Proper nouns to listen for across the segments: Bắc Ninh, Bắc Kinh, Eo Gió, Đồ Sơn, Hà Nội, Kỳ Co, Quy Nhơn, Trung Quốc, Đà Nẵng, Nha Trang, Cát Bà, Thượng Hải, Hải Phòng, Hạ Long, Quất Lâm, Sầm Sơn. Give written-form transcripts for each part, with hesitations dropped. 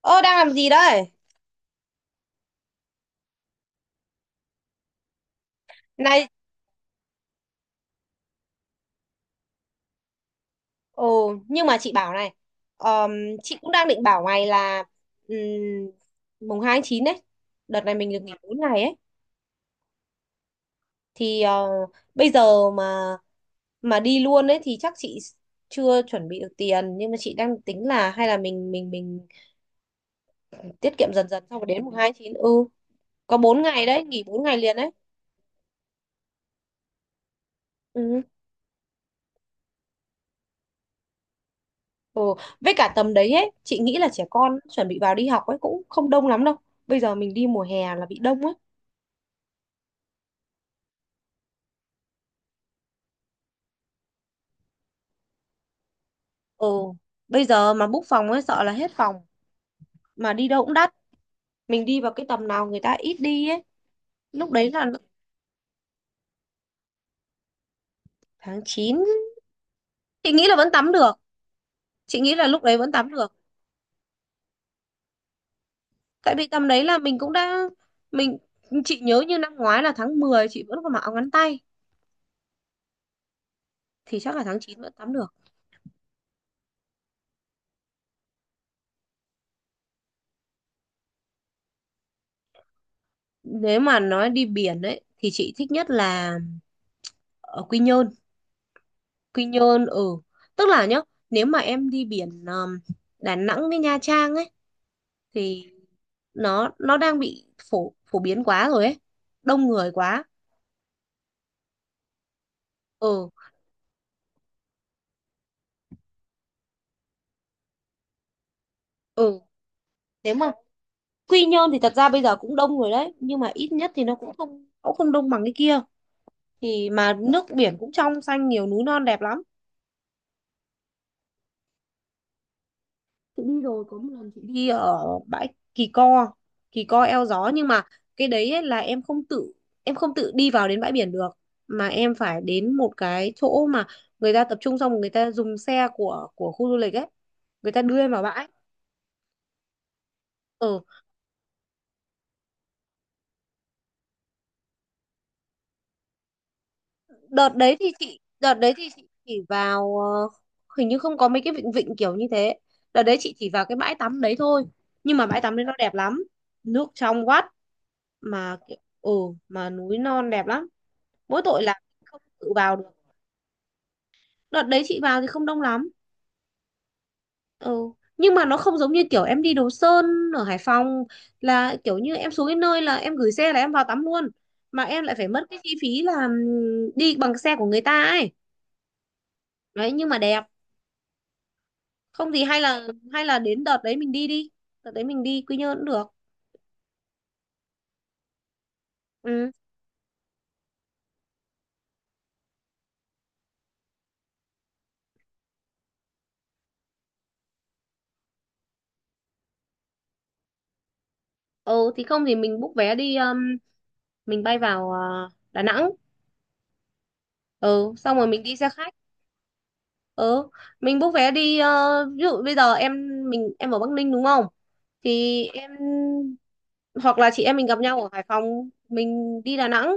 Ơ đang làm gì đấy? Này, ồ nhưng mà chị bảo này, ờm, chị cũng đang định bảo mày là ừm, mùng 2 tháng 9 đấy, đợt này mình được nghỉ 4 ngày ấy thì bây giờ mà đi luôn ấy thì chắc chị chưa chuẩn bị được tiền, nhưng mà chị đang tính là hay là mình tiết kiệm dần dần xong rồi đến mùng 2 tháng 9, ừ, có 4 ngày đấy, nghỉ 4 ngày liền đấy. Ừ. Ừ. Với cả tầm đấy ấy, chị nghĩ là trẻ con chuẩn bị vào đi học ấy cũng không đông lắm đâu. Bây giờ mình đi mùa hè là bị đông ấy. Ồ, bây giờ mà book phòng ấy sợ là hết phòng, mà đi đâu cũng đắt. Mình đi vào cái tầm nào người ta ít đi ấy. Lúc đấy là tháng 9. Chị nghĩ là vẫn tắm được. Chị nghĩ là lúc đấy vẫn tắm được. Tại vì tầm đấy là mình cũng đã, mình chị nhớ như năm ngoái là tháng 10 chị vẫn còn mặc áo ngắn tay, thì chắc là tháng chín vẫn tắm được. Nếu mà nói đi biển ấy thì chị thích nhất là ở Quy Nhơn. Quy Nhơn, ừ, tức là nhá, nếu mà em đi biển, Đà Nẵng với Nha Trang ấy, thì nó đang bị phổ phổ biến quá rồi ấy, đông người quá. Ừ. Ừ. Nếu mà Quy Nhơn thì thật ra bây giờ cũng đông người đấy, nhưng mà ít nhất thì nó cũng không đông bằng cái kia, thì mà nước biển cũng trong xanh, nhiều núi non đẹp lắm. Đi ở bãi Kỳ Co Eo Gió, nhưng mà cái đấy ấy là em không tự đi vào đến bãi biển được, mà em phải đến một cái chỗ mà người ta tập trung, xong rồi người ta dùng xe của khu du lịch ấy, người ta đưa em vào bãi. Ừ. Đợt đấy thì chị chỉ vào, hình như không có mấy cái vịnh vịnh kiểu như thế. Đợt đấy chị chỉ vào cái bãi tắm đấy thôi, nhưng mà bãi tắm đấy nó đẹp lắm, nước trong vắt, mà ừ, mà núi non đẹp lắm, mỗi tội là không tự vào được. Đợt đấy chị vào thì không đông lắm. Ừ. Nhưng mà nó không giống như kiểu em đi Đồ Sơn ở Hải Phòng, là kiểu như em xuống cái nơi là em gửi xe là em vào tắm luôn, mà em lại phải mất cái chi phí là đi bằng xe của người ta ấy. Đấy, nhưng mà đẹp. Không thì hay là, đến đợt đấy mình đi đi, đợt đấy mình đi Quy Nhơn cũng được. Ừ. Ừ thì không thì mình book vé đi, mình bay vào Đà Nẵng. Ừ, xong rồi mình đi xe khách. Ừ, mình book vé đi, ví dụ bây giờ em mình em ở Bắc Ninh đúng không? Thì em, hoặc là chị em mình gặp nhau ở Hải Phòng, mình đi Đà Nẵng,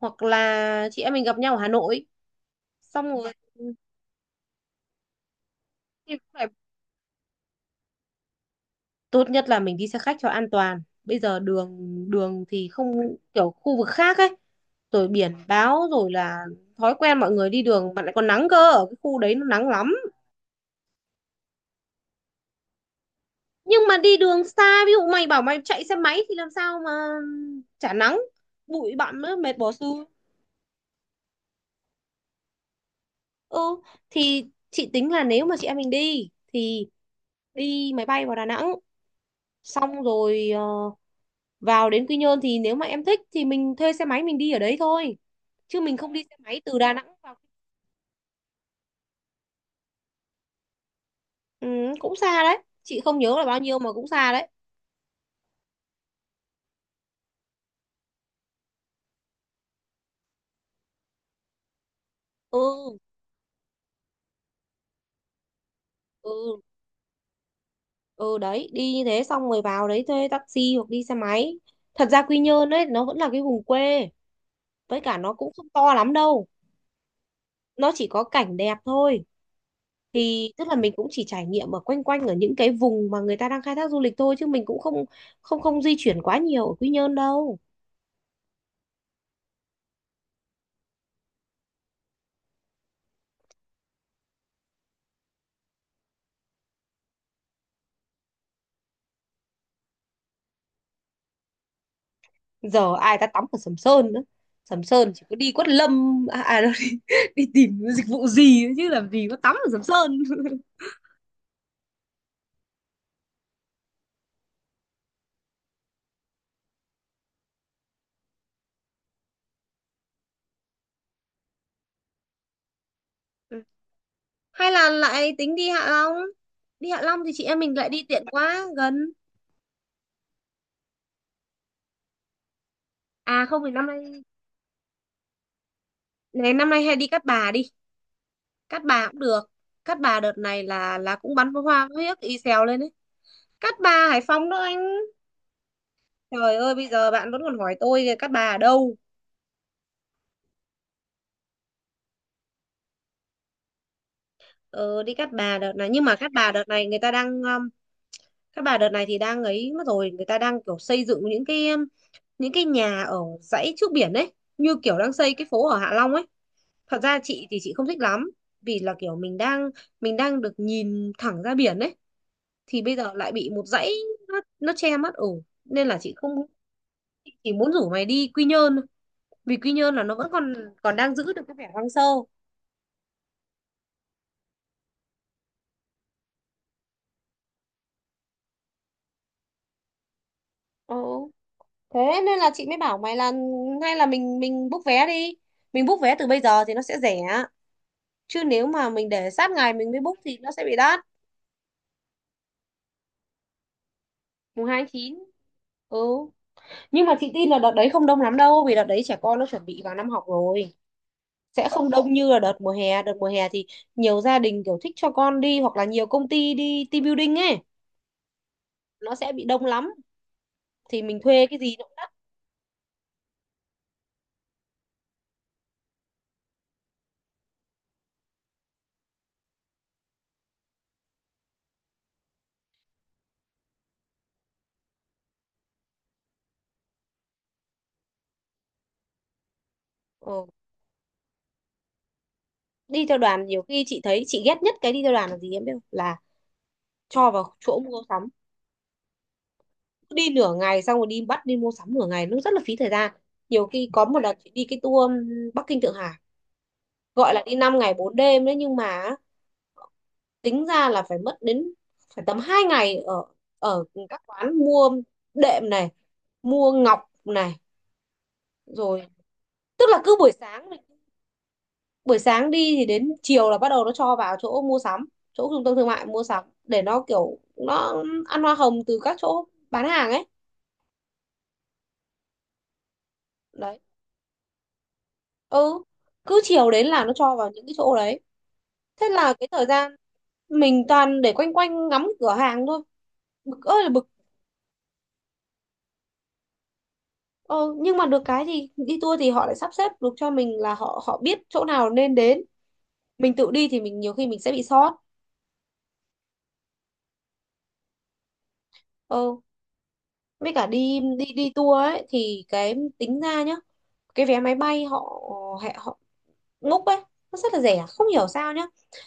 hoặc là chị em mình gặp nhau ở Hà Nội. Xong rồi thì cũng phải, tốt nhất là mình đi xe khách cho an toàn. Bây giờ đường đường thì không kiểu khu vực khác ấy, rồi biển báo, rồi là thói quen mọi người đi đường, mà lại còn nắng cơ, ở cái khu đấy nó nắng lắm. Nhưng mà đi đường xa, ví dụ mày bảo mày chạy xe máy thì làm sao mà chả nắng, bụi bặm nữa, mệt bỏ xu. Ừ thì chị tính là nếu mà chị em mình đi thì đi máy bay vào Đà Nẵng, xong rồi vào đến Quy Nhơn thì nếu mà em thích thì mình thuê xe máy mình đi ở đấy thôi, chứ mình không đi xe máy từ Đà Nẵng vào. Ừ, cũng xa đấy, chị không nhớ là bao nhiêu mà cũng xa đấy. Ừ. Ừ. Ừ đấy, đi như thế xong rồi vào đấy thuê taxi hoặc đi xe máy. Thật ra Quy Nhơn ấy nó vẫn là cái vùng quê, với cả nó cũng không to lắm đâu, nó chỉ có cảnh đẹp thôi. Thì tức là mình cũng chỉ trải nghiệm ở quanh quanh ở những cái vùng mà người ta đang khai thác du lịch thôi, chứ mình cũng không không không di chuyển quá nhiều ở Quy Nhơn đâu. Giờ ai ta tắm ở Sầm Sơn nữa, Sầm Sơn chỉ có đi Quất Lâm, à, à đâu, đi, đi tìm dịch vụ gì nữa chứ làm gì có tắm ở Sầm Sơn. Ừ. Hay là lại tính đi Hạ Long, đi Hạ Long thì chị em mình lại đi tiện quá gần. À không thì năm nay, này năm nay hay đi Cát Bà đi. Cát Bà cũng được. Cát Bà đợt này là cũng bắn pháo hoa huyếc y xèo lên đấy. Cát Bà Hải Phòng đó anh. Trời ơi bây giờ bạn vẫn còn hỏi tôi kìa, Cát Bà ở đâu. Ờ, đi Cát Bà đợt này, nhưng mà Cát Bà đợt này người ta đang, các bà đợt này thì đang ấy mất rồi, người ta đang kiểu xây dựng những cái, những cái nhà ở dãy trước biển đấy, như kiểu đang xây cái phố ở Hạ Long ấy. Thật ra chị thì chị không thích lắm, vì là kiểu mình đang, được nhìn thẳng ra biển ấy thì bây giờ lại bị một dãy, nó che mất ổ, nên là chị không, chị chỉ muốn rủ mày đi Quy Nhơn thôi. Vì Quy Nhơn là nó vẫn còn, còn đang giữ được cái vẻ hoang sơ. Ừ. Thế nên là chị mới bảo mày là hay là mình book vé đi, mình book vé từ bây giờ thì nó sẽ rẻ, chứ nếu mà mình để sát ngày mình mới book thì nó sẽ bị đắt. Mùng hai chín. Ừ. Nhưng mà chị tin là đợt đấy không đông lắm đâu, vì đợt đấy trẻ con nó chuẩn bị vào năm học rồi, sẽ không đông như là đợt mùa hè. Đợt mùa hè thì nhiều gia đình kiểu thích cho con đi, hoặc là nhiều công ty đi team building ấy, nó sẽ bị đông lắm, thì mình thuê cái gì nó cũng đắt. Ừ. Đi theo đoàn nhiều khi chị thấy, chị ghét nhất cái đi theo đoàn là gì em biết không, là cho vào chỗ mua sắm. Cứ đi nửa ngày xong rồi đi bắt đi mua sắm nửa ngày, nó rất là phí thời gian. Nhiều khi có một đợt chị đi cái tour Bắc Kinh Thượng Hải, gọi là đi 5 ngày 4 đêm đấy, nhưng mà tính ra là phải mất đến, phải tầm 2 ngày ở ở các quán mua đệm này, mua ngọc này, rồi, tức là cứ buổi sáng đi thì đến chiều là bắt đầu nó cho vào chỗ mua sắm, chỗ trung tâm thương mại mua sắm, để nó kiểu nó ăn hoa hồng từ các chỗ bán hàng ấy. Đấy. Ừ, cứ chiều đến là nó cho vào những cái chỗ đấy, thế là cái thời gian mình toàn để quanh quanh ngắm cửa hàng thôi, bực ơi là bực. Ờ, nhưng mà được cái thì đi tour thì họ lại sắp xếp được cho mình, là họ họ biết chỗ nào nên đến, mình tự đi thì mình nhiều khi mình sẽ bị sót. ờ với cả đi đi đi tour ấy thì cái tính ra nhá, cái vé máy bay họ ngốc ấy, nó rất là rẻ không hiểu sao nhá.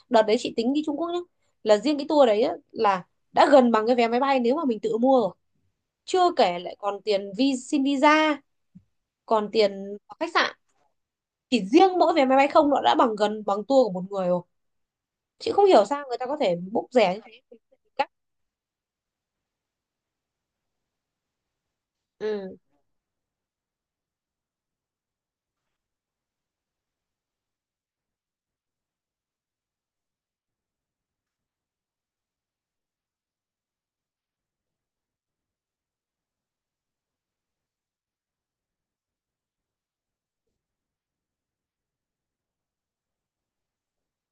Đợt đấy chị tính đi Trung Quốc nhá, là riêng cái tour đấy á, là đã gần bằng cái vé máy bay nếu mà mình tự mua rồi, chưa kể lại còn tiền xin visa, còn tiền khách sạn. Chỉ riêng mỗi vé máy bay không nó đã bằng gần bằng tour của một người rồi, chị không hiểu sao người ta có thể book rẻ như thế. Chắc- ừ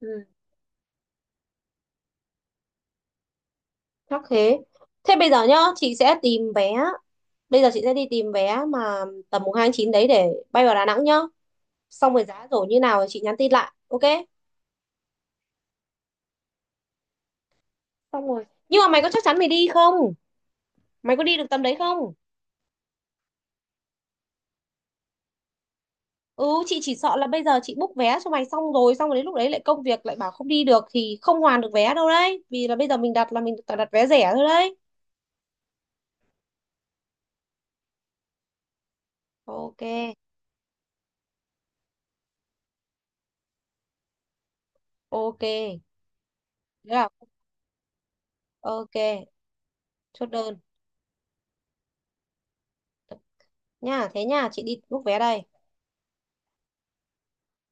ừ chắc thế. Thế bây giờ nhá chị sẽ tìm vé, bây giờ chị sẽ đi tìm vé mà tầm mùng hai tháng chín đấy để bay vào Đà Nẵng nhá, xong rồi giá rồi như nào thì chị nhắn tin lại, ok. Xong rồi nhưng mà mày có chắc chắn mày đi không, mày có đi được tầm đấy không. Ừ chị chỉ sợ là bây giờ chị book vé cho mày xong rồi, xong rồi đến lúc đấy lại công việc lại bảo không đi được thì không hoàn được vé đâu đấy, vì là bây giờ mình đặt là mình toàn đặt vé rẻ thôi đấy. Ok. Ok được không. Ok chốt đơn nha, thế nha chị đi book vé đây.